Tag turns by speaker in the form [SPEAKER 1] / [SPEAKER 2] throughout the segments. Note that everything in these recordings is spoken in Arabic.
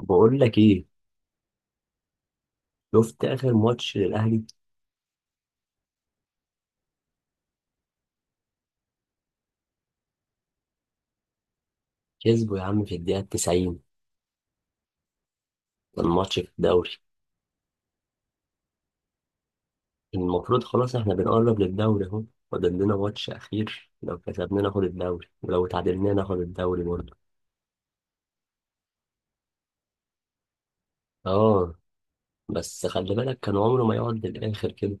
[SPEAKER 1] بقول لك ايه؟ شفت اخر ماتش للاهلي؟ كسبه يا عم في الدقيقه 90. كان ماتش في الدوري. المفروض خلاص احنا بنقرب للدوري اهو. فاضل لنا ماتش اخير، لو كسبنا ناخد الدوري ولو تعادلنا ناخد الدوري برضه. اه، بس خلي بالك كان عمره ما يقعد للاخر كده.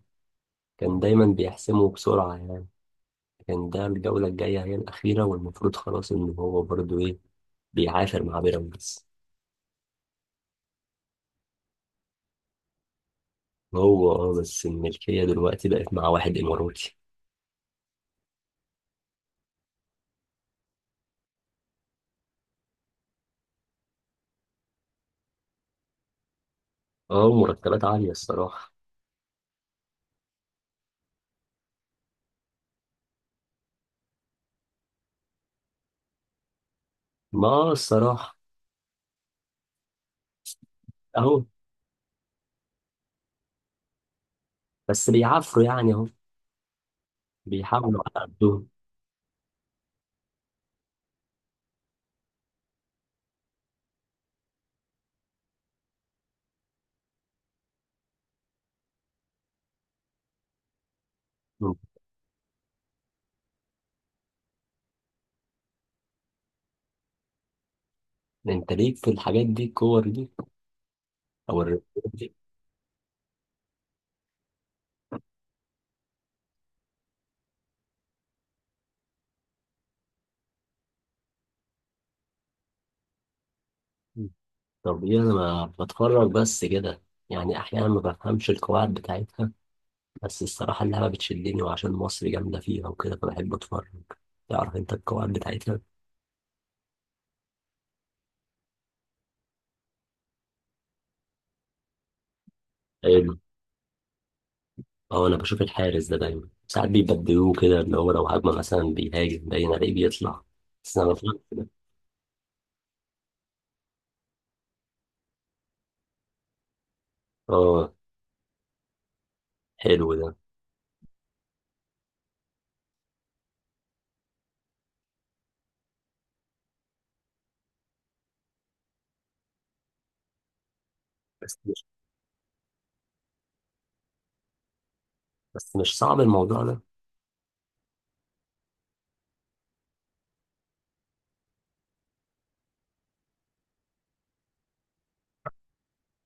[SPEAKER 1] كان دايما بيحسمه بسرعه يعني. كان ده الجوله الجايه هي الاخيره، والمفروض خلاص ان هو برضه ايه، بيعافر مع بيراميدز. هو اه، بس الملكيه دلوقتي بقت مع واحد اماراتي. اه، مرتبات عاليه الصراحه. ما الصراحة أهو. بيعافروا يعني أهو، بيحاولوا على قدهم. مم. أنت ليك في الحاجات دي، الكور دي أو الرياضات دي؟ مم. طب إيه، أنا ما بتفرج بس كده، يعني أحيانا ما بفهمش القواعد بتاعتها. بس الصراحة اللعبة بتشدني، وعشان مصر جامدة فيها وكده فبحب أتفرج. تعرف أنت القواعد بتاعتها؟ حلو. أه، أنا بشوف الحارس ده دايما، ساعات بيبدلوه كده، اللي هو لو هجمة مثلا بيهاجم باين عليه بيطلع. بس أنا بفهم كده. أه، حلو ده. بس بس مش صعب الموضوع ده؟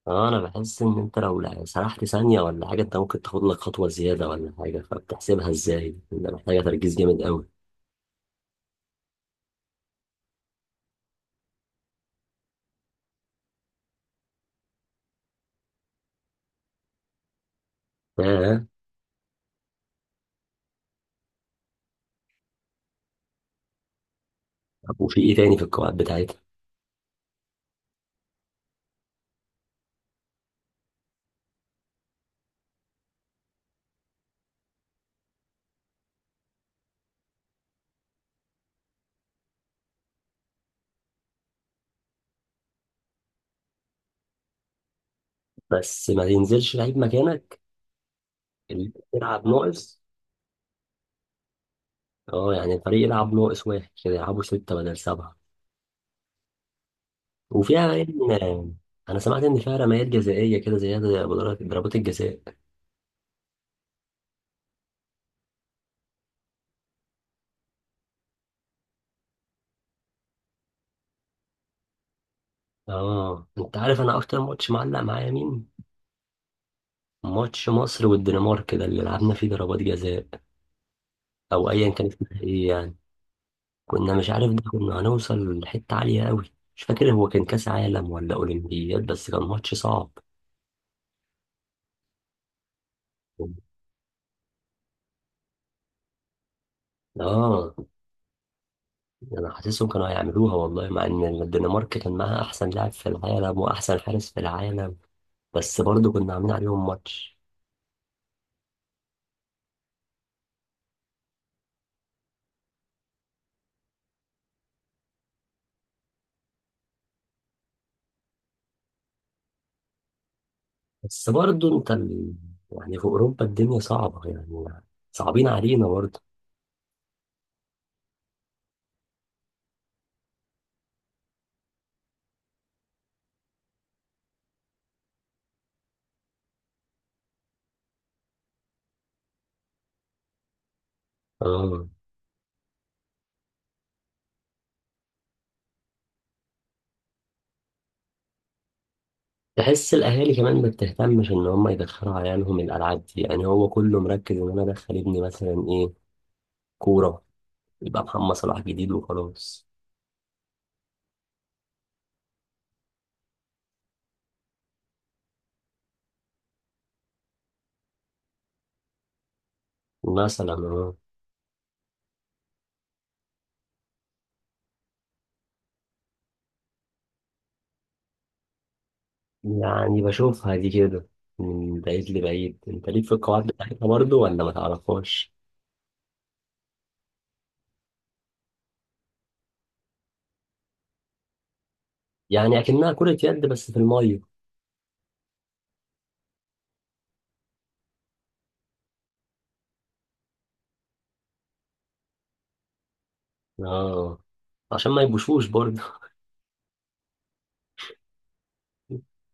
[SPEAKER 1] اه، انا بحس ان انت لو سرحت ثانية ولا حاجة، انت ممكن تاخد لك خطوة زيادة ولا حاجة، فبتحسبها ازاي؟ انت محتاجة تركيز جامد قوي. اه. طب وفي ايه تاني في القواعد بتاعتها؟ بس ما ينزلش لعيب مكانك؟ اللي بيلعب ناقص؟ اه، يعني الفريق يلعب ناقص واحد كده، يلعبوا ستة بدل سبعة. وفيها ان انا سمعت ان فيها رميات جزائية كده زيادة، زي ضربات الجزاء. اه، انت عارف انا اكتر ماتش معلق معايا مين؟ ماتش مصر والدنمارك ده اللي لعبنا فيه ضربات جزاء، او ايا كان اسمها ايه يعني. كنا مش عارف، ده كنا هنوصل لحته عاليه قوي. مش فاكر هو كان كاس عالم ولا اولمبياد، بس كان ماتش صعب. اه، انا حاسسهم كانوا هيعملوها والله، مع ان الدنمارك كان معاها احسن لاعب في العالم واحسن حارس في العالم. بس برضه كنا عاملين عليهم ماتش. بس برضه انت يعني في اوروبا الدنيا صعبه يعني، صعبين علينا برضه. اه، بحس الاهالي كمان ما بتهتمش ان هم يدخلوا عيالهم الالعاب دي، يعني هو كله مركز ان انا ادخل ابني مثلا ايه، كوره، يبقى محمد صلاح جديد وخلاص. مثلا أهو. يعني بشوفها دي كده من بعيد لبعيد. انت ليك في القواعد بتاعتها برضه ولا ما تعرفهاش؟ يعني اكنها كره يد بس في الميه. اه، عشان ما يبوشوش برضه.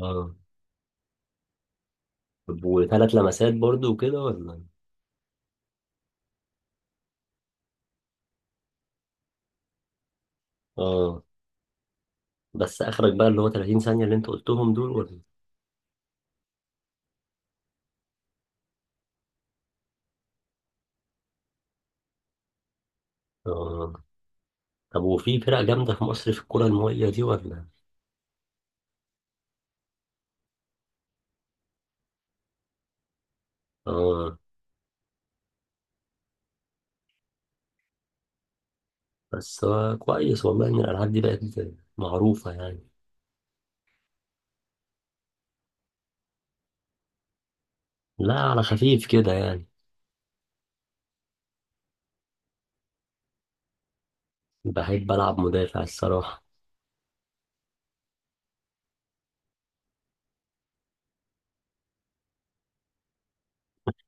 [SPEAKER 1] اه. طب وثلاث لمسات برضه وكده ولا؟ اه. بس اخرك بقى اللي هو 30 ثانيه اللي انت قلتهم دول ولا؟ اه. طب وفي فرق جامدة في مصر في الكرة المائية دي ولا؟ آه. بس هو كويس والله إن الألعاب دي بقت معروفة يعني. لا، على خفيف كده يعني. بحب ألعب مدافع الصراحة.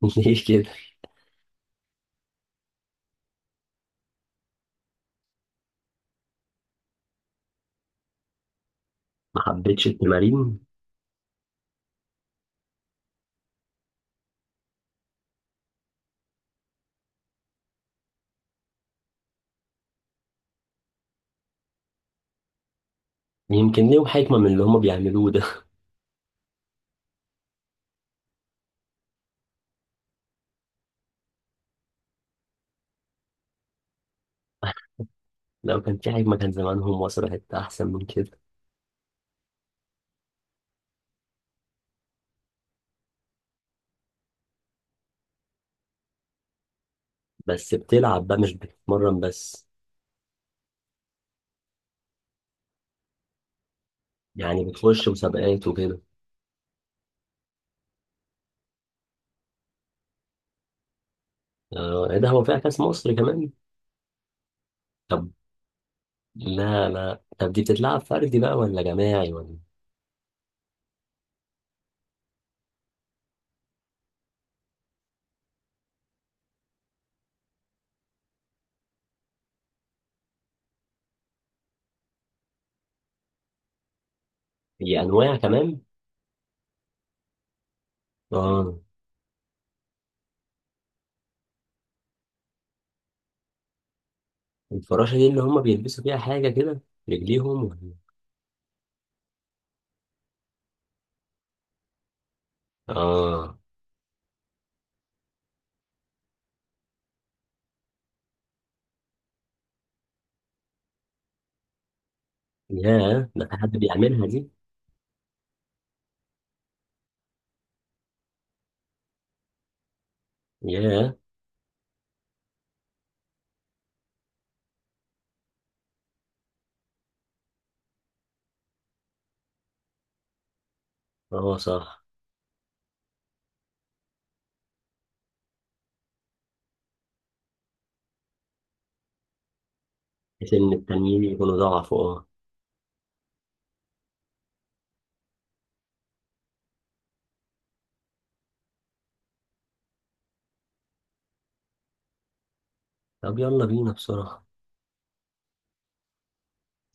[SPEAKER 1] ليه كده؟ ما حبيتش التمارين. يمكن ليهم حكمة من اللي هما بيعملوه ده. لو كان في حكمة كان زمانهم وصلوا حتة أحسن من كده. بس بتلعب بقى مش بتتمرن بس؟ يعني بتخش مسابقات وكده؟ آه، إيه ده، هو فيها كأس مصر كمان؟ طب، لا لا، طب دي بتتلعب فردي بقى ولا جماعي ولا؟ هي انواع كمان؟ اه. الفراشه دي اللي هم بيلبسوا فيها حاجه كده، رجليهم ولا-؟ اه. ياه، ده في حد بيعملها دي؟ ياه. اه صح. بحيث ان التانيين يكونوا ضعفوا، اه. طب يلا بينا بسرعه.